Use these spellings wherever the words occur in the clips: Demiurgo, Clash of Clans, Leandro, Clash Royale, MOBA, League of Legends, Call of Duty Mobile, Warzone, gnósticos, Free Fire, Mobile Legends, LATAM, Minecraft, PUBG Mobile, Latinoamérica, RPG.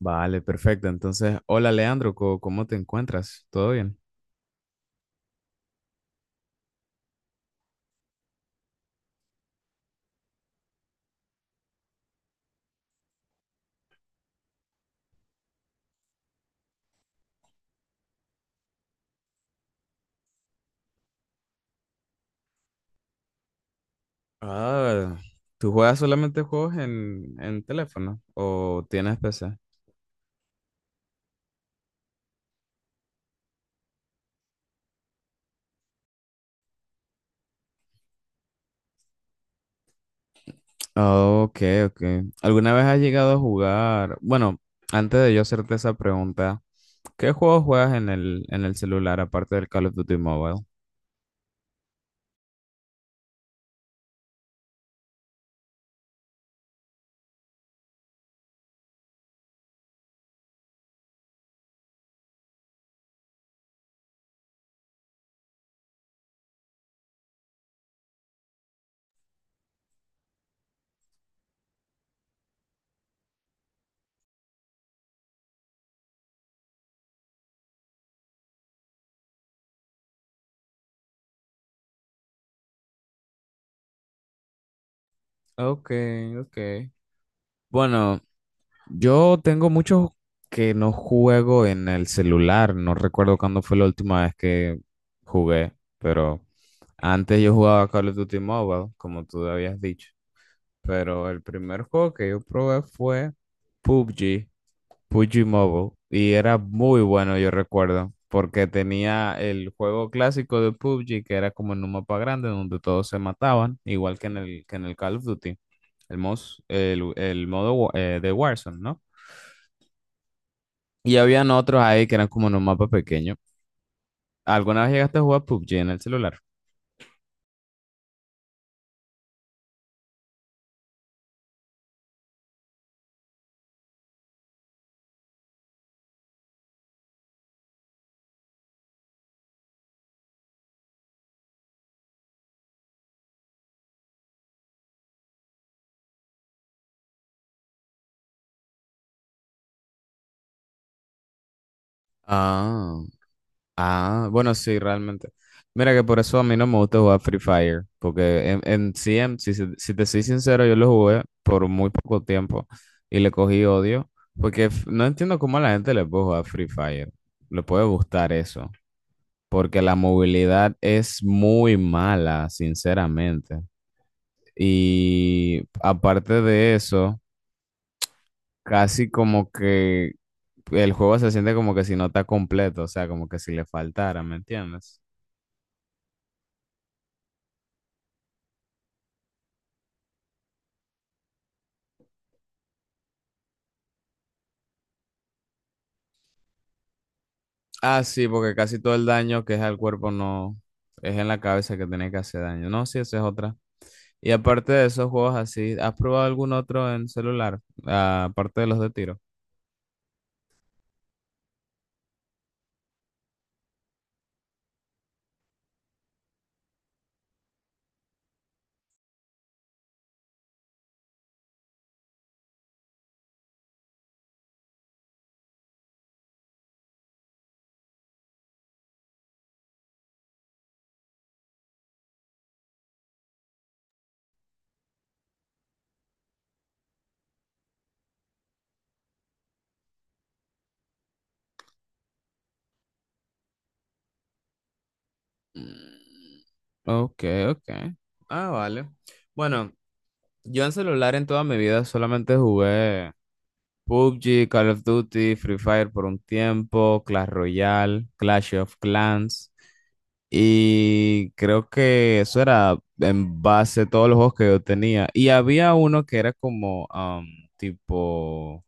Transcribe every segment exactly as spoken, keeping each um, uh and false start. Vale, perfecto. Entonces, hola Leandro, ¿cómo, cómo te encuentras? ¿Todo bien? Ah, ¿tú juegas solamente juegos en, en teléfono o tienes P C? Ok, ok. ¿Alguna vez has llegado a jugar? Bueno, antes de yo hacerte esa pregunta, ¿qué juegos juegas en el, en el celular aparte del Call of Duty Mobile? Ok, ok. Bueno, yo tengo muchos que no juego en el celular. No recuerdo cuándo fue la última vez que jugué, pero antes yo jugaba Call of Duty Mobile, como tú habías dicho. Pero el primer juego que yo probé fue P U B G, P U B G Mobile, y era muy bueno, yo recuerdo, porque tenía el juego clásico de P U B G, que era como en un mapa grande donde todos se mataban, igual que en el, que en el Call of Duty, el, mos- el, el modo wa- eh, de Warzone, ¿no? Y habían otros ahí que eran como en un mapa pequeño. ¿Alguna vez llegaste a jugar P U B G en el celular? Ah, ah, bueno, sí, realmente. Mira que por eso a mí no me gusta jugar Free Fire, porque en, en sí, en- si, se- si te soy sincero, yo lo jugué por muy poco tiempo y le cogí odio, porque f- no entiendo cómo a la gente le puede jugar Free Fire, le puede gustar eso, porque la movilidad es muy mala, sinceramente. Y aparte de eso, casi como que el juego se siente como que si no está completo, o sea, como que si le faltara, ¿me entiendes? Ah, sí, porque casi todo el daño que es al cuerpo no es en la cabeza que tiene que hacer daño. No, sí, esa es otra. Y aparte de esos juegos así, ¿has probado algún otro en celular? Ah, aparte de los de tiro. Mm. Ok, ok. Ah, vale. Bueno, yo en celular en toda mi vida solamente jugué P U B G, Call of Duty, Free Fire por un tiempo, Clash Royale, Clash of Clans. Y creo que eso era en base a todos los juegos que yo tenía. Y había uno que era como am, tipo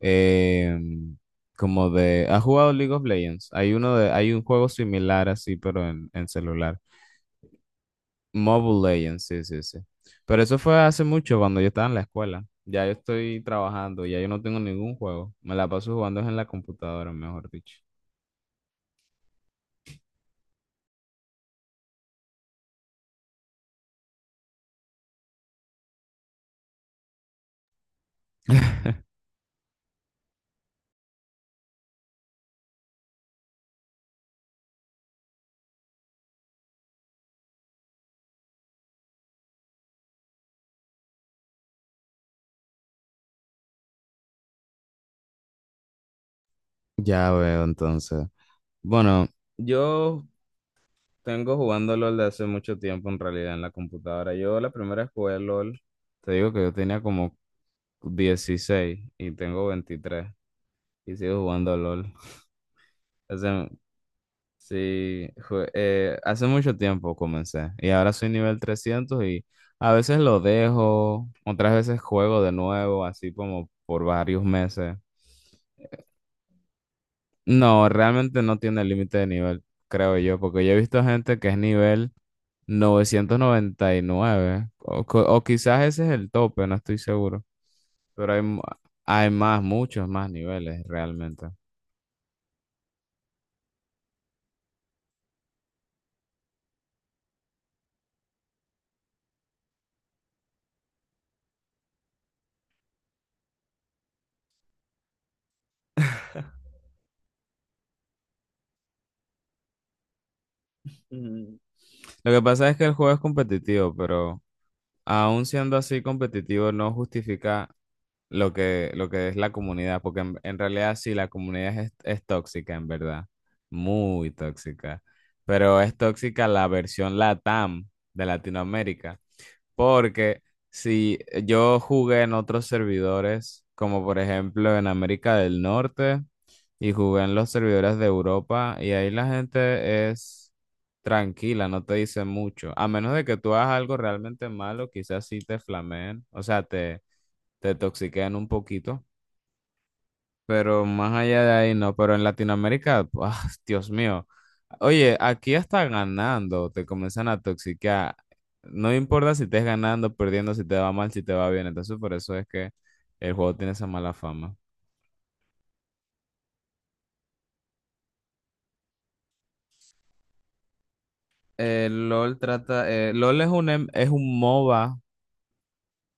em, como de. ¿Has jugado League of Legends? Hay uno de, hay un juego similar así, pero en, en celular. Mobile Legends, sí, sí, sí. Pero eso fue hace mucho cuando yo estaba en la escuela. Ya yo estoy trabajando, ya yo no tengo ningún juego. Me la paso jugando en la computadora, mejor dicho. Ya veo, entonces. Bueno, yo tengo jugando LOL de hace mucho tiempo en realidad en la computadora. Yo la primera vez que jugué LOL, te digo que yo tenía como dieciséis y tengo veintitrés y sigo jugando LOL. Ese- Sí, jue- eh, hace mucho tiempo comencé y ahora soy nivel trescientos y a veces lo dejo, otras veces juego de nuevo, así como por varios meses. No, realmente no tiene límite de nivel, creo yo, porque yo he visto gente que es nivel novecientos noventa y nueve o, co- o quizás ese es el tope, no estoy seguro, pero hay, mu- hay más, muchos más niveles realmente. Mm, Lo que pasa es que el juego es competitivo, pero aún siendo así competitivo, no justifica lo que, lo que es la comunidad, porque en, en realidad sí, la comunidad es, es tóxica, en verdad, muy tóxica, pero es tóxica la versión LATAM de Latinoamérica, porque si yo jugué en otros servidores, como por ejemplo en América del Norte, y jugué en los servidores de Europa y ahí la gente es tranquila, no te dice mucho. A menos de que tú hagas algo realmente malo, quizás sí te flameen, o sea, te, te toxiquean un poquito, pero más allá de ahí no. Pero en Latinoamérica, ¡buah! Dios mío. Oye, aquí hasta ganando, te comienzan a toxiquear. No importa si estés ganando, perdiendo, si te va mal, si te va bien. Entonces, por eso es que el juego tiene esa mala fama. Eh, LOL trata, eh, LOL es un, em- es un MOBA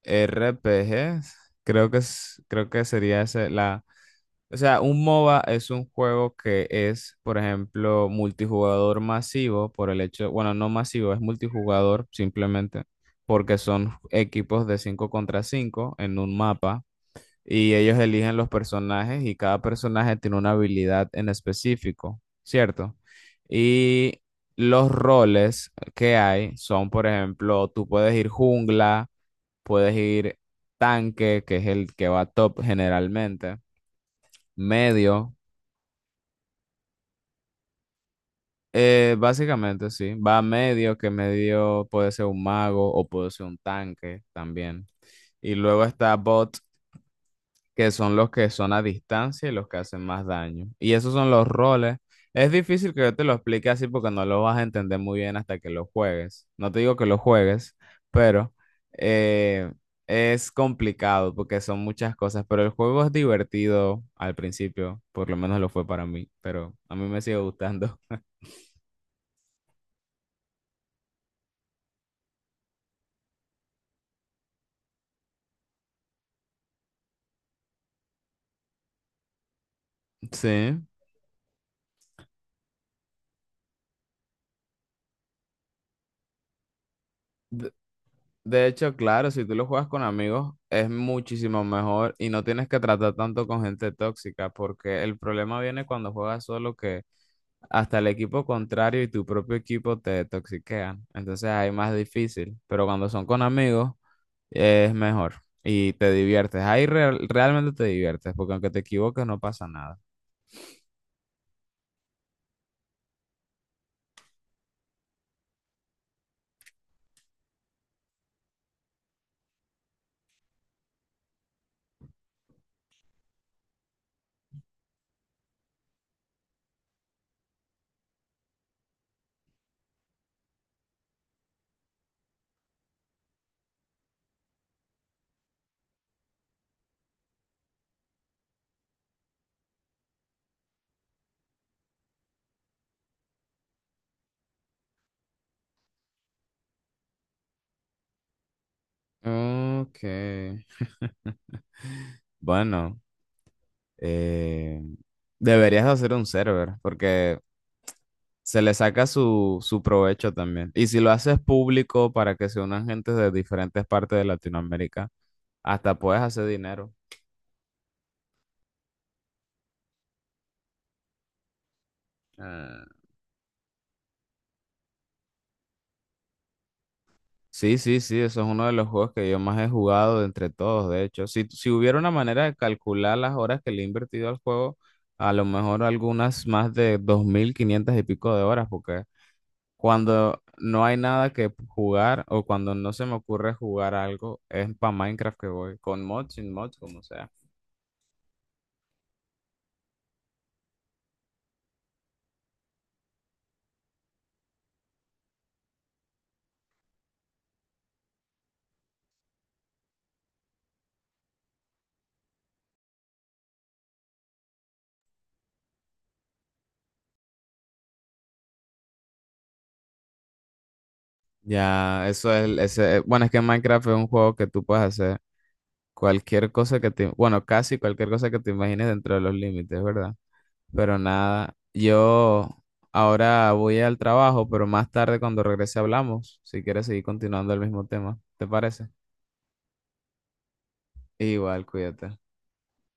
R P G, creo que es, creo que sería ese, la, o sea, un MOBA es un juego que es, por ejemplo, multijugador masivo por el hecho, bueno, no masivo, es multijugador simplemente porque son equipos de cinco contra cinco en un mapa y ellos eligen los personajes y cada personaje tiene una habilidad en específico, ¿cierto? Y los roles que hay son, por ejemplo, tú puedes ir jungla, puedes ir tanque, que es el que va top generalmente, medio, eh, básicamente sí, va medio, que medio puede ser un mago o puede ser un tanque también. Y luego está bot, que son los que son a distancia y los que hacen más daño. Y esos son los roles. Es difícil que yo te lo explique así porque no lo vas a entender muy bien hasta que lo juegues. No te digo que lo juegues, pero eh, es complicado porque son muchas cosas. Pero el juego es divertido al principio, por lo menos lo fue para mí, pero a mí me sigue gustando. Sí. De hecho, claro, si tú lo juegas con amigos es muchísimo mejor y no tienes que tratar tanto con gente tóxica, porque el problema viene cuando juegas solo que hasta el equipo contrario y tu propio equipo te toxiquean. Entonces ahí más difícil, pero cuando son con amigos es mejor y te diviertes. Ahí real- realmente te diviertes, porque aunque te equivoques no pasa nada. Ok. Bueno, eh, deberías de hacer un server, porque se le saca su, su provecho también. Y si lo haces público para que se unan gentes de diferentes partes de Latinoamérica, hasta puedes hacer dinero. Ah. Sí, sí, sí, eso es uno de los juegos que yo más he jugado de entre todos, de hecho. Si, si hubiera una manera de calcular las horas que le he invertido al juego, a lo mejor algunas más de dos mil quinientas y pico de horas, porque cuando no hay nada que jugar o cuando no se me ocurre jugar algo, es para Minecraft que voy, con mods, sin mods, como sea. Ya, eso es, ese, bueno, es que Minecraft es un juego que tú puedes hacer cualquier cosa que te, bueno, casi cualquier cosa que te imagines dentro de los límites, ¿verdad? Pero nada, yo ahora voy al trabajo, pero más tarde cuando regrese hablamos, si quieres seguir continuando el mismo tema, ¿te parece? Igual, cuídate.